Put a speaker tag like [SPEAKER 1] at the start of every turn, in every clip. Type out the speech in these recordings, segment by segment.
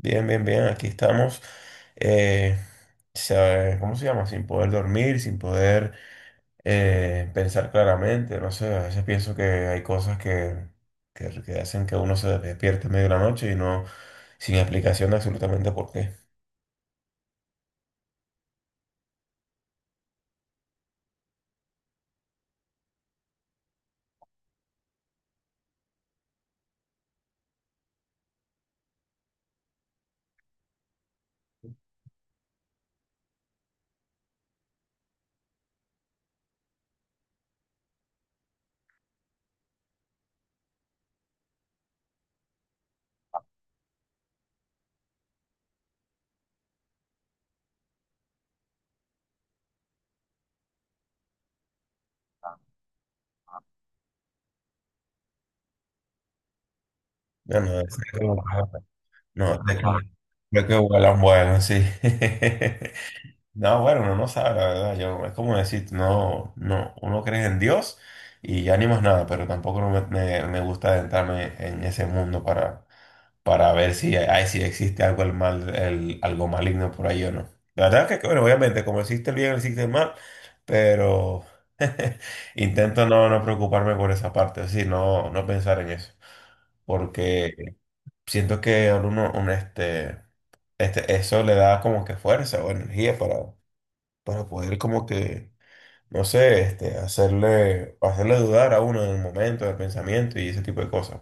[SPEAKER 1] Bien, bien, bien, aquí estamos. eh, ¿Cómo se llama? Sin poder dormir, sin poder pensar claramente. No sé, a veces pienso que hay cosas que hacen que uno se despierte en medio de la noche y no, sin explicación de absolutamente por qué. Bueno, de- no, que vuelan, vuelan, sí. No, bueno, uno no sabe, la verdad. Yo, es como decir, no, no, uno cree en Dios y ya ni más nada, pero tampoco no me, me- me gusta adentrarme en ese mundo para ver si existe algo, el mal, el, algo maligno por ahí o no. La verdad que, bueno, obviamente, como existe el bien, existe el mal, pero intento no preocuparme por esa parte, es decir, no pensar en eso, porque siento que a uno, eso le da como que fuerza o energía para poder como que, no sé, hacerle dudar a uno en el momento, del pensamiento y ese tipo de cosas.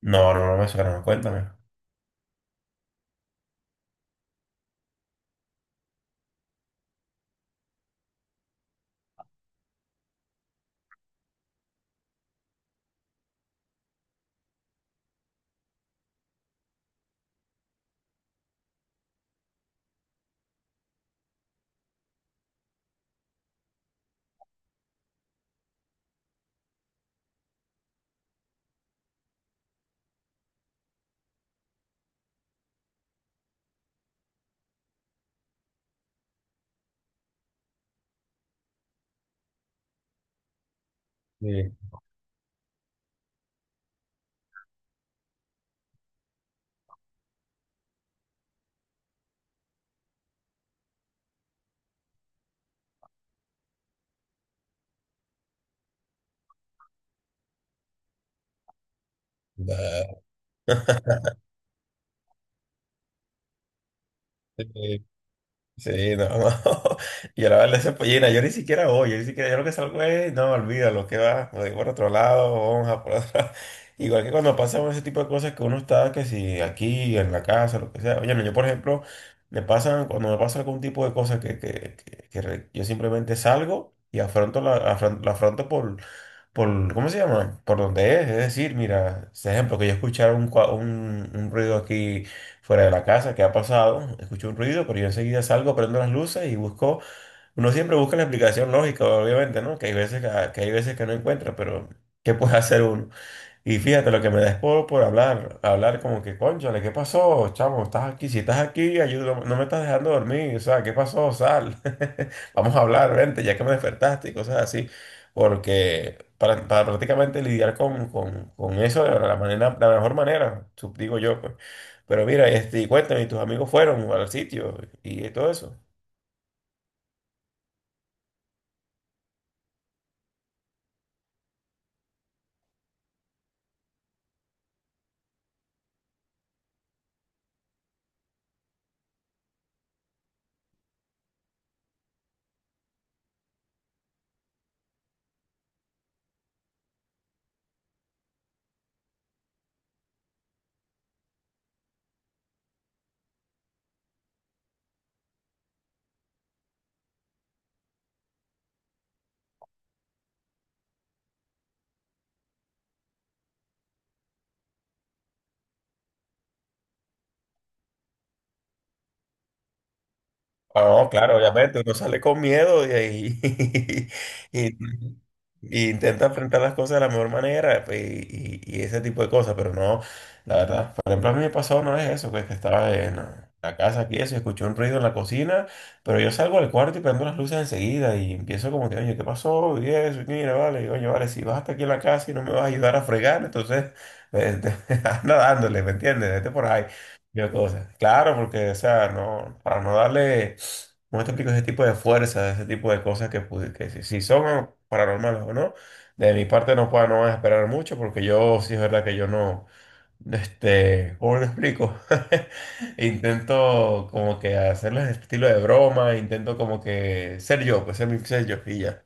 [SPEAKER 1] No, no, no me suena, cuéntame. Sí. Da- Sí, no, no. Yo la verdad, esa pollina, yo ni siquiera voy, yo ni siquiera, yo lo que salgo es, no, olvídalo, que va, me voy por otro lado, vamos a por otro igual que cuando pasan ese tipo de cosas que uno está, que si aquí, en la casa, lo que sea. Oye, no, yo por ejemplo, me pasan, cuando me pasa algún tipo de cosas que yo simplemente salgo y afronto la afronto, por, ¿cómo se llama? Por donde es. Es decir, mira, por ejemplo, que yo escuchara un ruido aquí fuera de la casa, ¿qué ha pasado? Escucho un ruido, pero yo enseguida salgo, prendo las luces y busco, uno siempre busca la explicación lógica, obviamente, ¿no? Que hay veces que hay veces que no encuentra, pero ¿qué puede hacer uno? Y fíjate, lo que me da es por hablar como que, cónchale, ¿qué pasó, chamo? Estás aquí, si estás aquí, ayúdame, no me estás dejando dormir, o sea, ¿qué pasó? Sal, vamos a hablar, vente, ya que me despertaste y cosas así, porque para prácticamente lidiar con eso de la manera, la mejor manera, digo yo, pues. Pero mira, este, y cuéntame, ¿y tus amigos fueron al sitio y todo eso? Ah, no, claro, obviamente, uno sale con miedo y, y- y intenta enfrentar las cosas de la mejor manera pues, y ese tipo de cosas, pero no, la verdad, por ejemplo, a mí me pasó una vez eso, pues, que estaba en la casa aquí, eso, escuché un ruido en la cocina, pero yo salgo al cuarto y prendo las luces enseguida y empiezo como que, oye, ¿qué pasó? Y eso, y mira, vale, y, oye, vale, si vas hasta aquí en la casa y no me vas a ayudar a fregar, entonces, eh, anda dándole, ¿me entiendes? Vete por ahí. Yo cosa. Claro, porque, o sea, no, para no darle, como te explico, ese tipo de fuerza, ese tipo de cosas que, si son paranormales o no, de mi parte no puedo, no van a esperar mucho, porque yo sí es verdad que yo no, este, ¿cómo lo explico? Intento como que hacerles este estilo de broma, intento como que ser yo, pues ser mi ser yo y ya.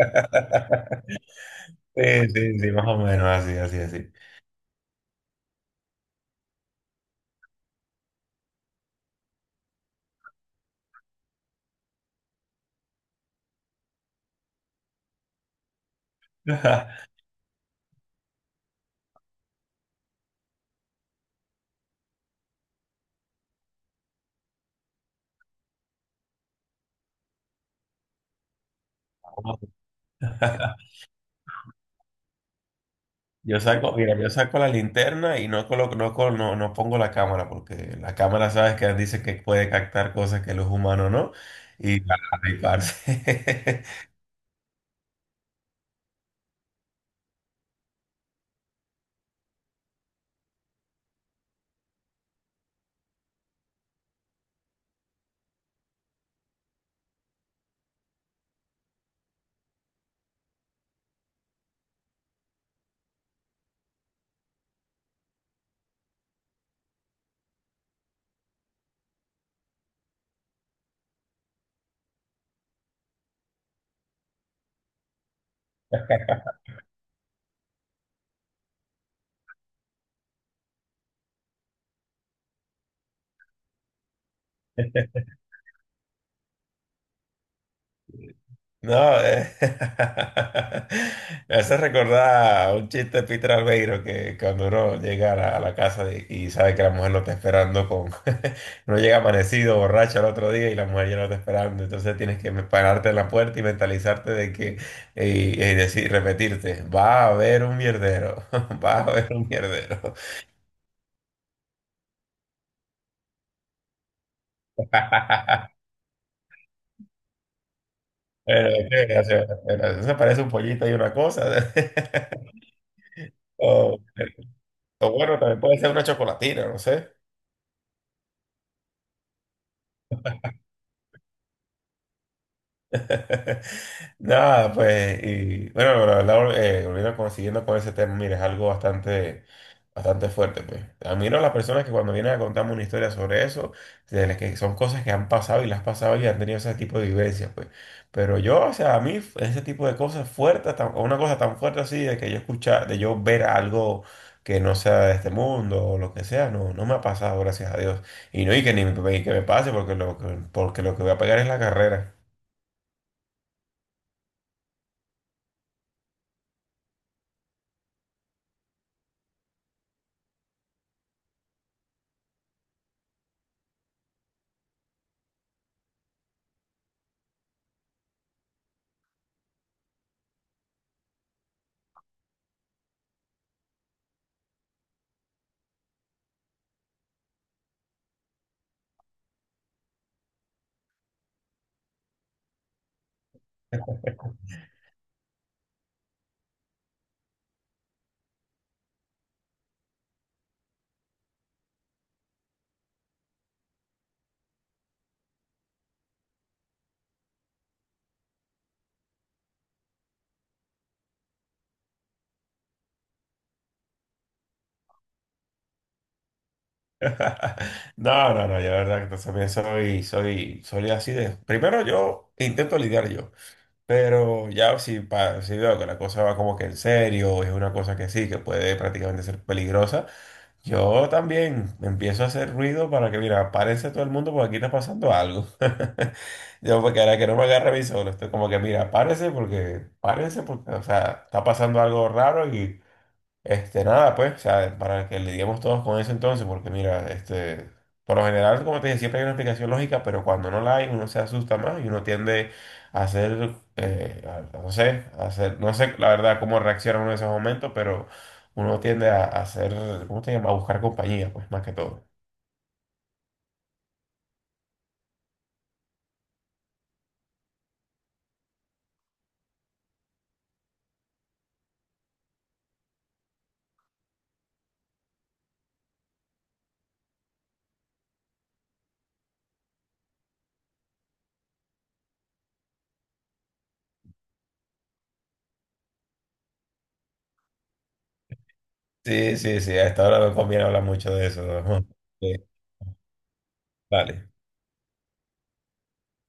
[SPEAKER 1] Sí, sí, sí, más o menos, así, así, así. Yo saco, mira, yo saco la linterna y no pongo la cámara, porque la cámara sabes que dice que puede captar cosas que los humanos no, y para riparse. No, eh, me hace recordar un chiste de Peter Albeiro que cuando uno llega a a la casa y sabe que la mujer lo está esperando con... uno llega amanecido, borracho al otro día y la mujer ya lo está esperando. Entonces tienes que pararte en la puerta y mentalizarte de que... y decir, repetirte, va a haber un mierdero, va a haber un mierdero. Pero, o sea, pero eso parece un pollito y una cosa. O, o bueno, también puede ser una chocolatina, no sé. Nada, pues, y bueno, la verdad, volviendo consiguiendo con ese tema, mira, es algo bastante, bastante fuerte, pues. Admiro a las personas que cuando vienen a contarme una historia sobre eso, de las que son cosas que han pasado y las han pasado y han tenido ese tipo de vivencias, pues. Pero yo, o sea, a mí ese tipo de cosas fuertes, una cosa tan fuerte así, de que yo escuchar, de yo ver algo que no sea de este mundo o lo que sea, no, no me ha pasado, gracias a Dios. Y no, y que ni me, y que me pase, porque porque lo que voy a pegar es la carrera. No, no, no, yo la verdad que también soy así de... Primero yo intento lidiar yo, pero ya si, si veo que la cosa va como que en serio, es una cosa que sí, que puede prácticamente ser peligrosa, yo también empiezo a hacer ruido para que, mira, párense todo el mundo porque aquí está pasando algo. Yo, porque ahora que no me agarre a mí solo, estoy como que, mira, párense porque, o sea, está pasando algo raro este, nada, pues, o sea, para que lidiemos todos con eso entonces, porque mira, este, por lo general, como te dije, siempre hay una explicación lógica, pero cuando no la hay, uno se asusta más y uno tiende a hacer, no sé, a hacer, no sé la verdad cómo reacciona uno en esos momentos, pero uno tiende a hacer, ¿cómo se llama? A buscar compañía, pues, más que todo. Sí, sí, sí, a esta hora no conviene hablar mucho de eso, ¿no? Sí, vale.